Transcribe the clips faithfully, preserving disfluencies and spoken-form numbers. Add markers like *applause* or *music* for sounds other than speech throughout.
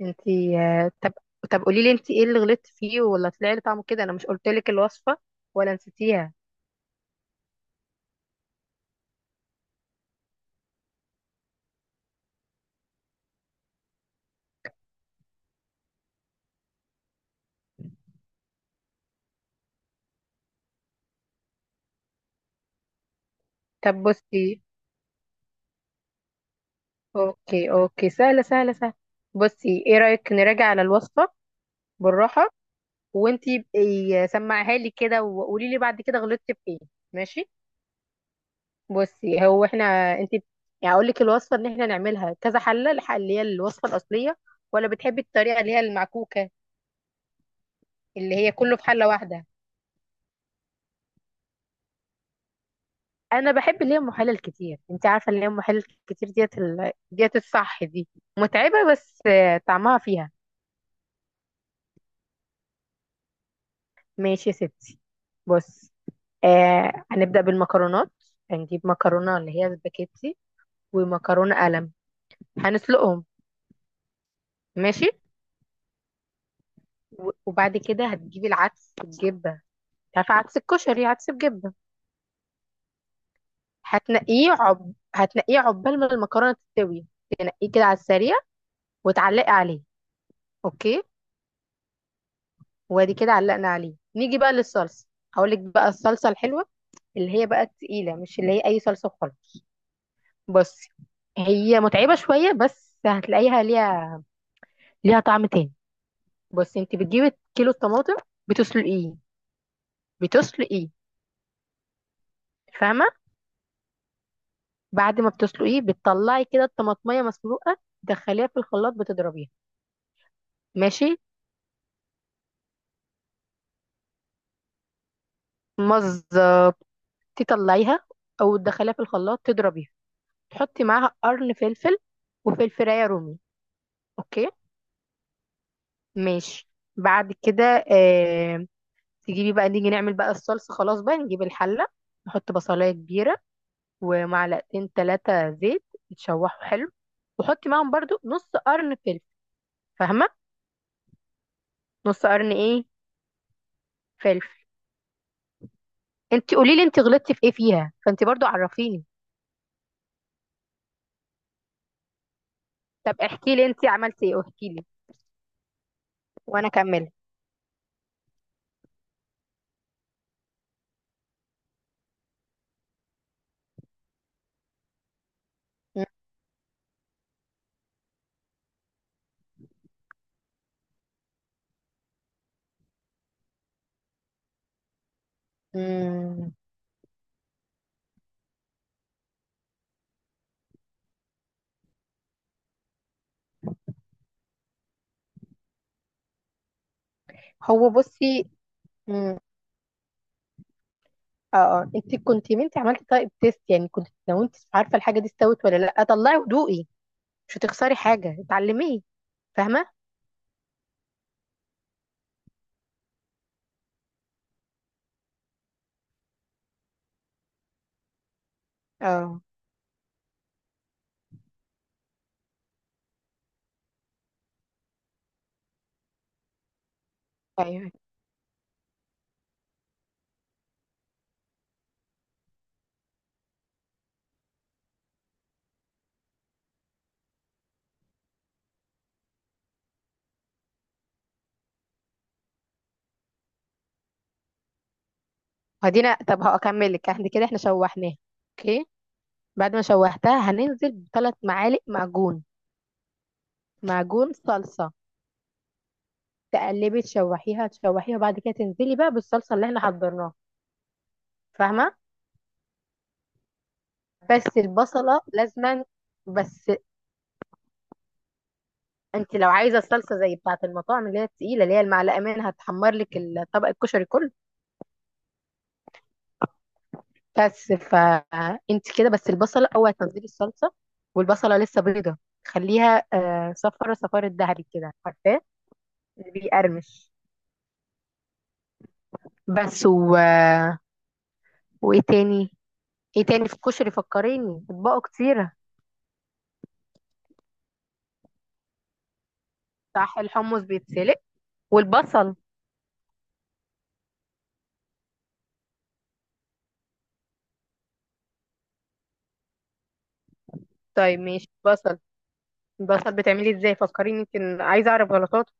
انتي، آه، طب طب قولي لي انتي ايه اللي غلطتي فيه ولا طلع لي طعمه كده؟ انا مش قلت لك الوصفه ولا نسيتيها؟ طب بصي. اوكي، اوكي، سهله سهله سهله. بصي، ايه رايك نراجع على الوصفه بالراحه؟ وانتي بقي سمعها لي كده، وقولي لي بعد كده غلطتي في ايه. ماشي. بصي، هو احنا انتي يعني اقول لك الوصفه ان احنا نعملها كذا حله، الحله اللي هي الوصفه الاصليه، ولا بتحبي الطريقه اللي هي المعكوكه اللي هي كله في حله واحده؟ انا بحب اللي هي محلل كتير، انت عارفه، اللي هي محلل كتير، ديت ال... ديت الصح دي. متعبه، بس آه، طعمها فيها. ماشي يا ستي. بص، آه هنبدا بالمكرونات. هنجيب مكرونه اللي هي سباكيتي، ومكرونه قلم، هنسلقهم. ماشي. و- وبعد كده هتجيبي العدس الجبه، انت عارفه عدس الكشري، عدس بجبه. هتنقيه عب... هتنقيه عقبال ما المكرونه تستوي، تنقيه كده على السريع، وتعلقي عليه. اوكي. وادي كده علقنا عليه، نيجي بقى للصلصه. هقول لك بقى الصلصه الحلوه، اللي هي بقى التقيله، مش اللي هي اي صلصه وخلاص. بصي، هي متعبه شويه، بس هتلاقيها ليها ليها طعم تاني. بصي، انت بتجيبي كيلو الطماطم، بتسلقيه، بتسلقيه. فاهمه؟ بعد ما بتسلقيه بتطلعي كده الطماطميه مسلوقه، تدخليها في الخلاط بتضربيها. ماشي، مزه، تطلعيها او تدخليها في الخلاط تضربيها، تحطي معاها قرن فلفل وفلفلايه رومي. اوكي، ماشي. بعد كده آه تجيبي بقى، نيجي نعمل بقى الصلصة، خلاص بقى نجيب الحلة. نحط بصلاية كبيرة ومعلقتين ثلاثة زيت، يتشوحوا حلو. وحطي معاهم برضو نص قرن فلفل. فاهمة؟ نص قرن ايه؟ فلفل. انت قولي لي، انت غلطتي في ايه فيها، فانت برضو عرفيني. طب احكي لي انت عملتي ايه، واحكي لي وانا اكمل. مم. هو بصي. مم. اه اه، انت كنت ما انت عملتي طيب تيست يعني، كنت لو انت مش عارفه الحاجه دي استوت ولا لا، طلعي ودوقي. مش هتخسري حاجة، اتعلميه. فاهمة؟ اه، ايوه. هدينا، طب هكمل لك، احنا كده احنا شوحناها. اوكي. بعد ما شوحتها هننزل بثلاث معالق معجون، معجون صلصة. تقلبي، تشوحيها تشوحيها، وبعد كده تنزلي بقى بالصلصة اللي احنا حضرناها. فاهمة؟ بس البصلة لازما. بس انت لو عايزة الصلصة زي بتاعة المطاعم اللي هي التقيلة، اللي هي المعلقة منها تحمر لك طبق الكشري كله. بس فانت كده، بس البصلة اوعي تنزلي الصلصة والبصلة لسه بيضة. خليها آه، صفرة، صفارة ذهبي كده، عارفاه، اللي بيقرمش. بس و... وايه تاني، ايه تاني في الكشري فكريني، اطباقه كتيرة. صح، الحمص بيتسلق، والبصل. طيب ماشي، بصل البصل بتعملي ازاي؟ فكريني، يمكن عايزة اعرف غلطاته.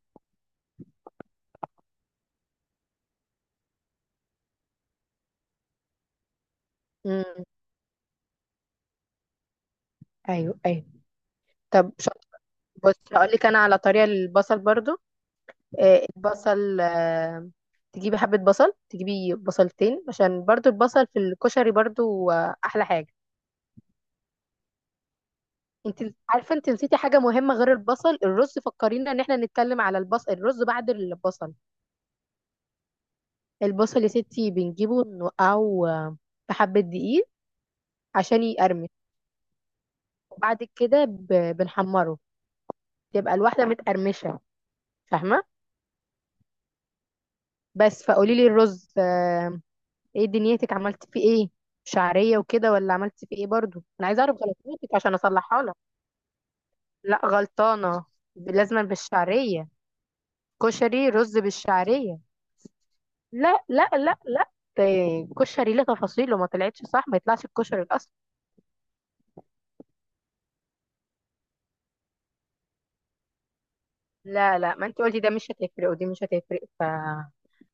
امم ايوه، ايوه، طب شاطر. بص هقول لك انا على طريقة البصل برضو. آه، البصل، تجيبي حبة بصل، تجيبي بصلتين عشان برضو البصل في الكشري برضو آه، أحلى حاجة. انت عارفة، انت نسيتي حاجة مهمة غير البصل، الرز. فكرينا ان احنا نتكلم على البصل، الرز بعد البصل. البصل يا ستي، بنجيبه نوقعه آه، في حبة دقيق عشان يقرمش. وبعد كده ب- بنحمره، تبقى الواحدة متقرمشة. فاهمة؟ بس فقولي لي، الرز آه، ايه دنيتك عملتي فيه ايه، شعرية وكده، ولا عملتي فيه ايه؟ برضو انا عايزة اعرف غلطاتك عشان اصلحها لك. لا، غلطانة، لازما بالشعرية. كشري رز بالشعرية. لا لا لا لا، ده كشري ليه تفاصيله، ما طلعتش صح ما يطلعش الكشري الأصل. لا لا، ما انت قلتي ده مش هتفرق ودي مش هتفرق، ف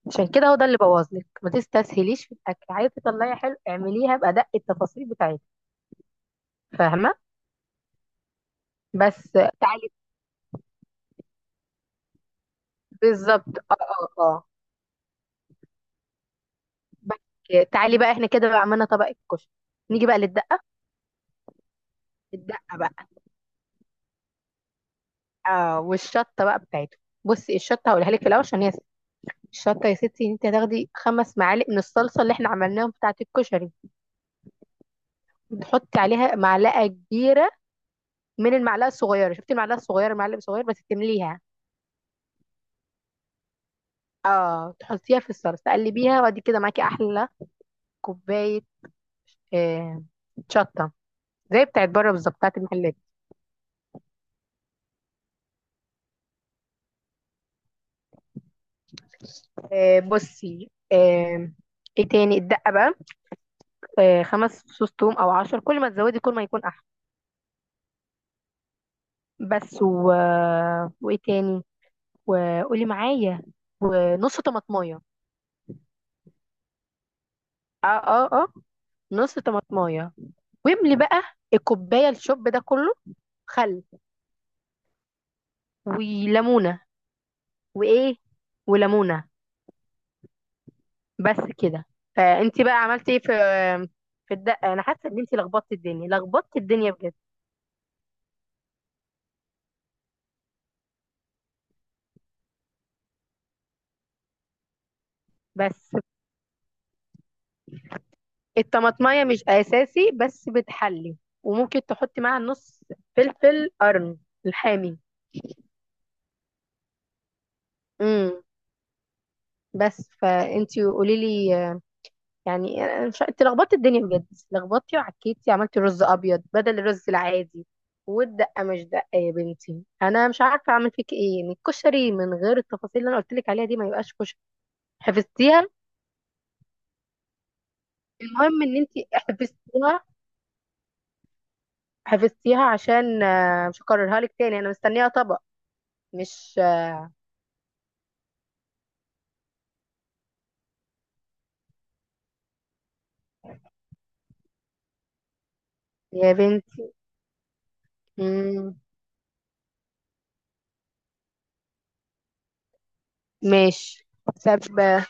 عشان كده هو ده اللي بوظلك، ما تستسهليش في الأكل، عايزة تطلعي حلو اعمليها بأدق التفاصيل بتاعتها. فاهمة؟ بس تعالي، بالظبط اه اه اه، بس تعالي بقى، احنا كده بقى عملنا طبق الكشري، نيجي بقى للدقة. الدقة بقى. اه، والشطه بقى بتاعته. بصي، الشطه هقولها لك في الاول عشان هي، الشطه يا ستي انت هتاخدي خمس معالق من الصلصه اللي احنا عملناهم بتاعه الكشري. تحطي عليها معلقه كبيره من المعلقه الصغيره، شفتي المعلقه الصغيره، معلقه صغير بس تمليها. اه، تحطيها في الصلصه تقلبيها، وادي كده معاكي احلى كوبايه آه شطه، زي بتاعت بره بالظبط، بتاعت المحلات. آه بصي، آه ايه تاني؟ الدقه بقى. آه خمس فصوص توم او عشر، كل ما تزودي كل ما يكون احلى. بس و... آه، وايه تاني؟ وقولي معايا، ونص طماطمايه. اه اه اه، نص طماطمايه. واملي بقى الكوبايه الشوب ده كله. خل، وليمونه. وايه؟ وليمونه. بس كده. فانتي بقى عملتي ايه في في الدقه؟ انا حاسه ان انتي لخبطتي الدنيا لخبطتي الدنيا بجد. بس الطماطمايه مش اساسي بس بتحلي، وممكن تحطي معاها نص فلفل قرن الحامي. امم بس فانتي قولي لي، يعني أنا مش، انت لخبطت الدنيا بجد، لخبطتي وعكيتي، عملتي رز ابيض بدل الرز العادي. والدقه مش دقه، يا بنتي انا مش عارفه اعمل فيك ايه، ان الكشري من غير التفاصيل اللي انا قلت لك عليها دي ما يبقاش كشري. حفظتيها. المهم ان انت حفظتيها، حفظتيها عشان آه، مش هكررها لك تاني، انا مستنيه طبق. مش آه، يا بنتي. مم، ماشي. سبة.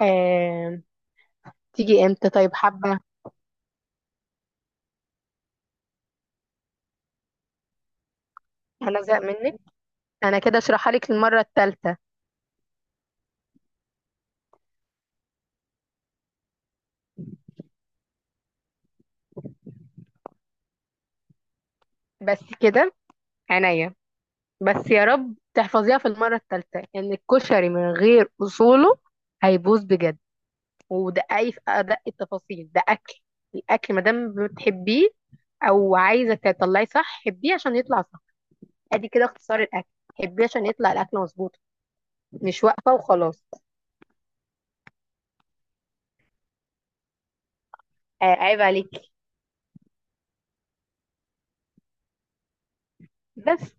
آه. تيجي امتى طيب، حبه. انا زهق منك، انا كده اشرحها لك المره الثالثه. بس كده، عينيا. بس يا رب تحفظيها في المرة الثالثة، ان الكشري من غير اصوله هيبوظ بجد. ودققي في ادق التفاصيل، ده اكل، الاكل ما دام بتحبيه او عايزه تطلعي صح، حبيه عشان يطلع صح. ادي كده اختصار الاكل، حبيه عشان يطلع الاكل مظبوط، مش واقفه وخلاص. آه، عيب عليكي بس.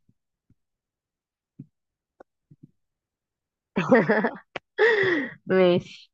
*laughs* ماشي.